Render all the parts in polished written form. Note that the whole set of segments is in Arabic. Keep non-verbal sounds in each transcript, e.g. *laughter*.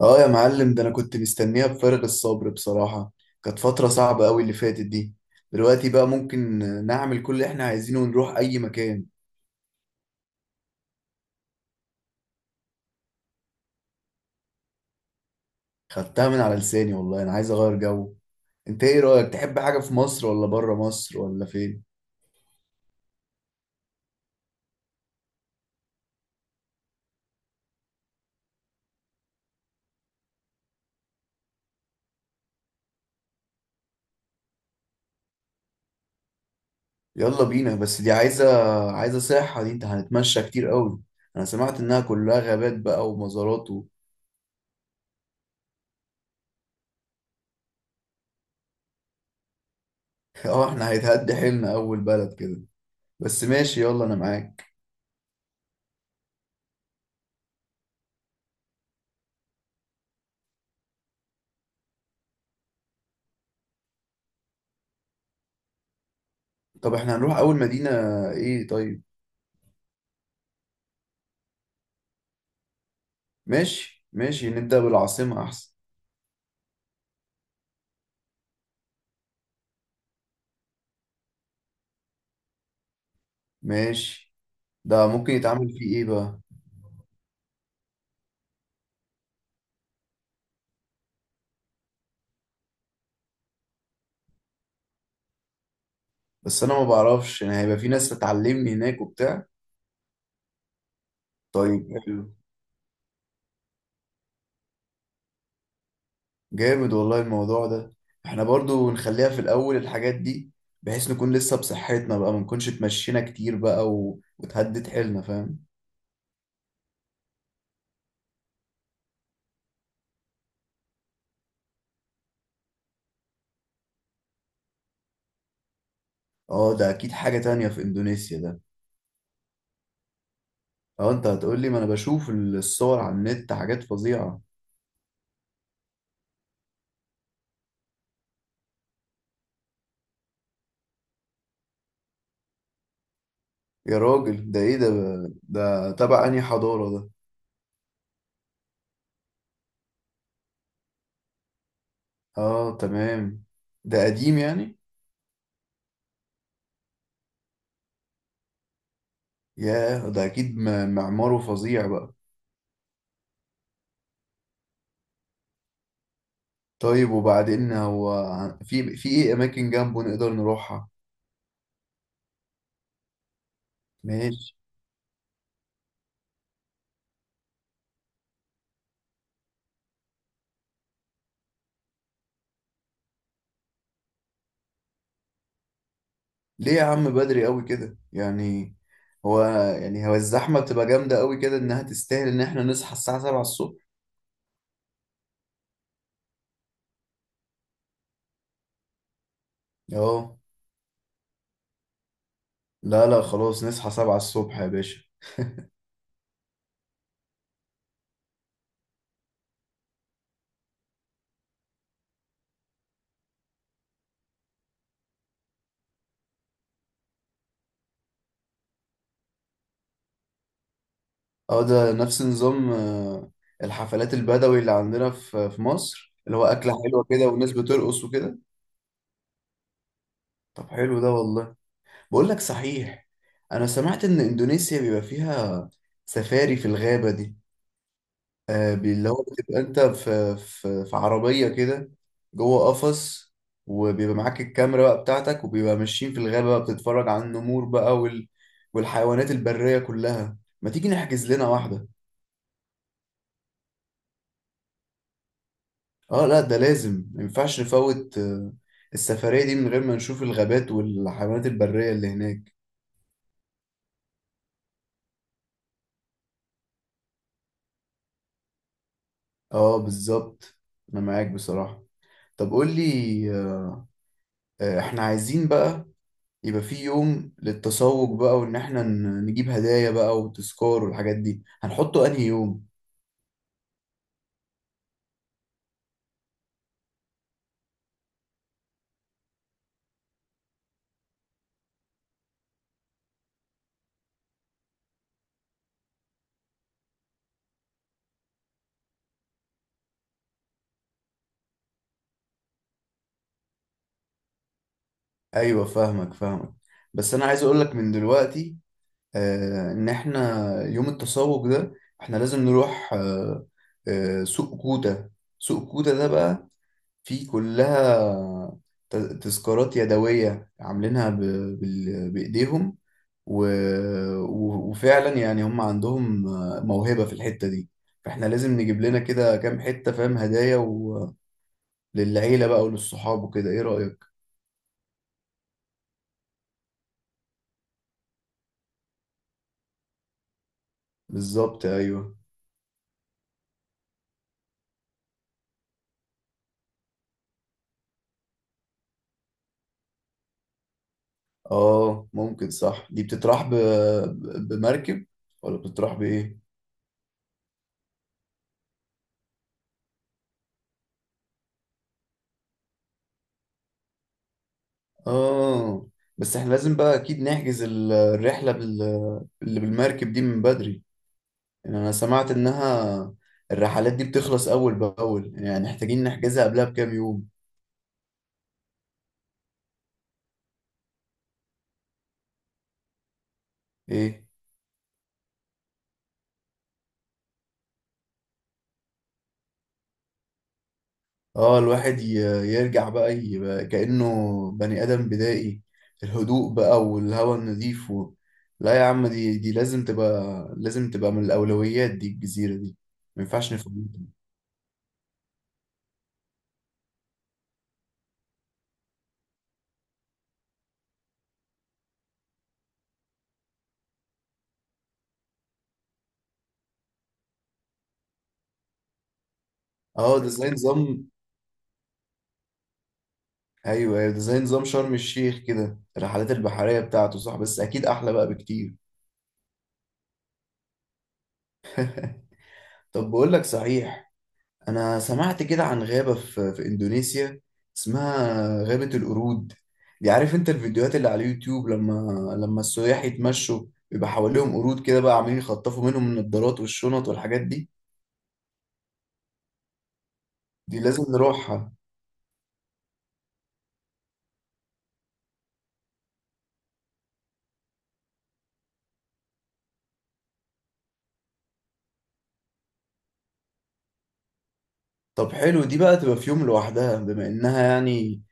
اه يا معلم، ده انا كنت مستنيها بفارغ الصبر بصراحة. كانت فترة صعبة قوي اللي فاتت دي. دلوقتي بقى ممكن نعمل كل اللي احنا عايزينه ونروح اي مكان. خدتها من على لساني والله، انا عايز اغير جو. انت ايه رأيك؟ تحب حاجة في مصر ولا بره مصر ولا فين؟ يلا بينا، بس دي عايزة صحة دي، انت هنتمشى كتير قوي. انا سمعت انها كلها غابات بقى ومزارات *laughs* اه، احنا هيتهد حيلنا اول بلد كده. بس ماشي، يلا انا معاك. طب احنا هنروح اول مدينة ايه؟ طيب ماشي ماشي، نبدأ بالعاصمة أحسن. ماشي. ده ممكن يتعمل فيه إيه بقى؟ بس أنا ما بعرفش، يعني هيبقى في ناس هتعلمني هناك وبتاع؟ طيب حلو، جامد والله الموضوع ده. إحنا برضو نخليها في الأول الحاجات دي، بحيث نكون لسه بصحتنا بقى، ما نكونش اتمشينا كتير بقى وتهدد حيلنا، فاهم. اه ده أكيد حاجة تانية في إندونيسيا ده. اه أنت هتقولي، ما أنا بشوف الصور على النت حاجات فظيعة. يا راجل ده إيه ده؟ ده تبع أنهي حضارة ده؟ اه تمام، ده قديم يعني. ياه، ده اكيد معماره فظيع بقى. طيب وبعدين هو في ايه اماكن جنبه نقدر نروحها؟ ماشي. ليه يا عم بدري قوي كده يعني؟ هو، يعني هو الزحمه بتبقى جامده قوي كده انها تستاهل ان احنا نصحى الساعه 7 الصبح؟ اه لا لا، خلاص نصحى 7 الصبح يا باشا. اه ده نفس نظام الحفلات البدوي اللي عندنا في مصر، اللي هو اكله حلوه كده والناس بترقص وكده. طب حلو ده والله. بقول لك صحيح، انا سمعت ان اندونيسيا بيبقى فيها سفاري في الغابة دي، اللي هو بتبقى انت في عربية كده، جوه قفص، وبيبقى معاك الكاميرا بقى بتاعتك، وبيبقى ماشيين في الغابة بقى بتتفرج على النمور بقى والحيوانات البرية كلها. ما تيجي نحجز لنا واحدة؟ اه لا، ده لازم، ما ينفعش نفوت السفرية دي من غير ما نشوف الغابات والحيوانات البرية اللي هناك. اه بالظبط، انا معاك بصراحة. طب قول لي، احنا عايزين بقى يبقى في يوم للتسوق بقى، وان احنا نجيب هدايا بقى وتذكار والحاجات دي، هنحطه انهي يوم؟ ايوه فاهمك، بس انا عايز اقولك من دلوقتي، ان احنا يوم التسوق ده، احنا لازم نروح سوق كوتا. سوق كوتا ده بقى، في كلها تذكارات يدوية، عاملينها بإيديهم، و... وفعلا يعني هم عندهم موهبة في الحتة دي، فاحنا لازم نجيب لنا كده كام حتة، فاهم، هدايا للعيلة بقى وللصحاب وكده، ايه رأيك؟ بالظبط ايوه. اه ممكن، صح، دي بتتراح بمركب ولا بتتراح بإيه؟ اه بس احنا لازم بقى اكيد نحجز الرحلة اللي بالمركب دي من بدري، يعني انا سمعت انها الرحلات دي بتخلص اول باول، يعني محتاجين نحجزها قبلها بكام يوم. ايه. اه الواحد يرجع بقى يبقى كأنه بني ادم بدائي، الهدوء بقى والهواء النظيف لا يا عم، دي لازم تبقى، لازم تبقى من الاولويات دي الجزيرة دي، ما ينفعش نفوتها. اه ده زي نظام، ايوه ايوه، ده زي نظام شرم الشيخ كده الرحلات البحرية بتاعته صح، بس اكيد احلى بقى بكتير. *laughs* طب بقول لك صحيح، أنا سمعت كده عن غابة في, في إندونيسيا، اسمها غابة القرود. دي عارف أنت الفيديوهات اللي على اليوتيوب، لما لما السياح يتمشوا بيبقى حواليهم قرود كده بقى عاملين يخطفوا منهم النضارات والشنط والحاجات دي، دي لازم نروحها. طب حلو، دي بقى تبقى في يوم لوحدها، بما إنها يعني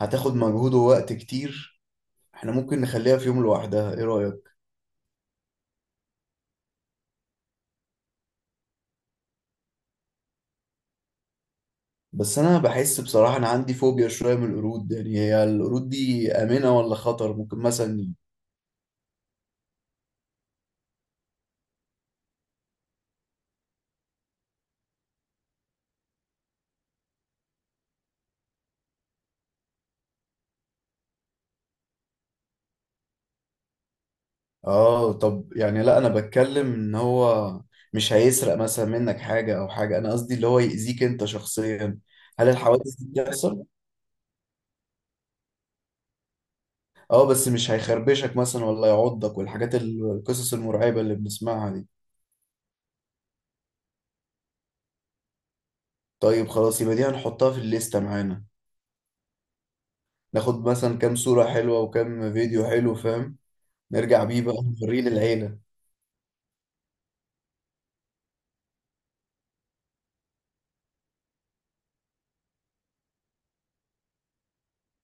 هتاخد مجهود ووقت كتير، احنا ممكن نخليها في يوم لوحدها، ايه رأيك؟ بس انا بحس بصراحة، انا عندي فوبيا شوية من القرود، يعني هي القرود دي آمنة ولا خطر ممكن مثلا؟ اه طب يعني، لا انا بتكلم ان هو مش هيسرق مثلا منك حاجة او حاجة، انا قصدي اللي هو يأذيك انت شخصيا. هل الحوادث دي بتحصل؟ اه بس مش هيخربشك مثلا ولا يعضك والحاجات القصص المرعبة اللي بنسمعها دي. طيب خلاص، يبقى دي هنحطها في الليستة معانا، ناخد مثلا كام صورة حلوة وكام فيديو حلو، فاهم، نرجع بيه بقى، نوريه للعيلة.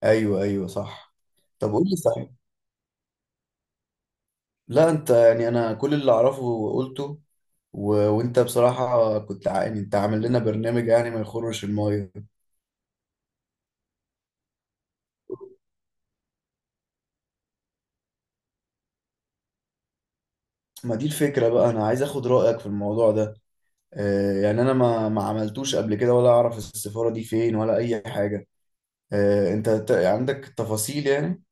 ايوه ايوه صح. طب قول لي صحيح، لا انت يعني، انا كل اللي اعرفه قلته، وانت بصراحة كنت يعني انت عامل لنا برنامج يعني ما يخرش المايه. ما دي الفكرة بقى، انا عايز اخد رأيك في الموضوع ده، آه يعني انا ما عملتوش قبل كده، ولا اعرف السفارة دي فين ولا اي حاجة، آه انت عندك تفاصيل يعني؟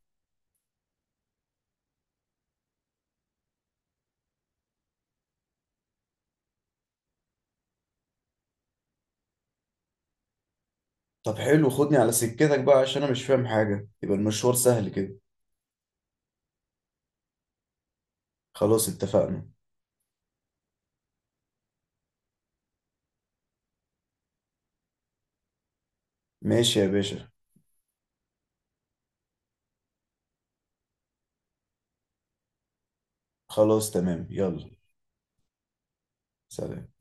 طب حلو، خدني على سكتك بقى، عشان انا مش فاهم حاجة، يبقى المشوار سهل كده. خلاص اتفقنا. ماشي يا باشا. خلاص تمام، يلا. سلام.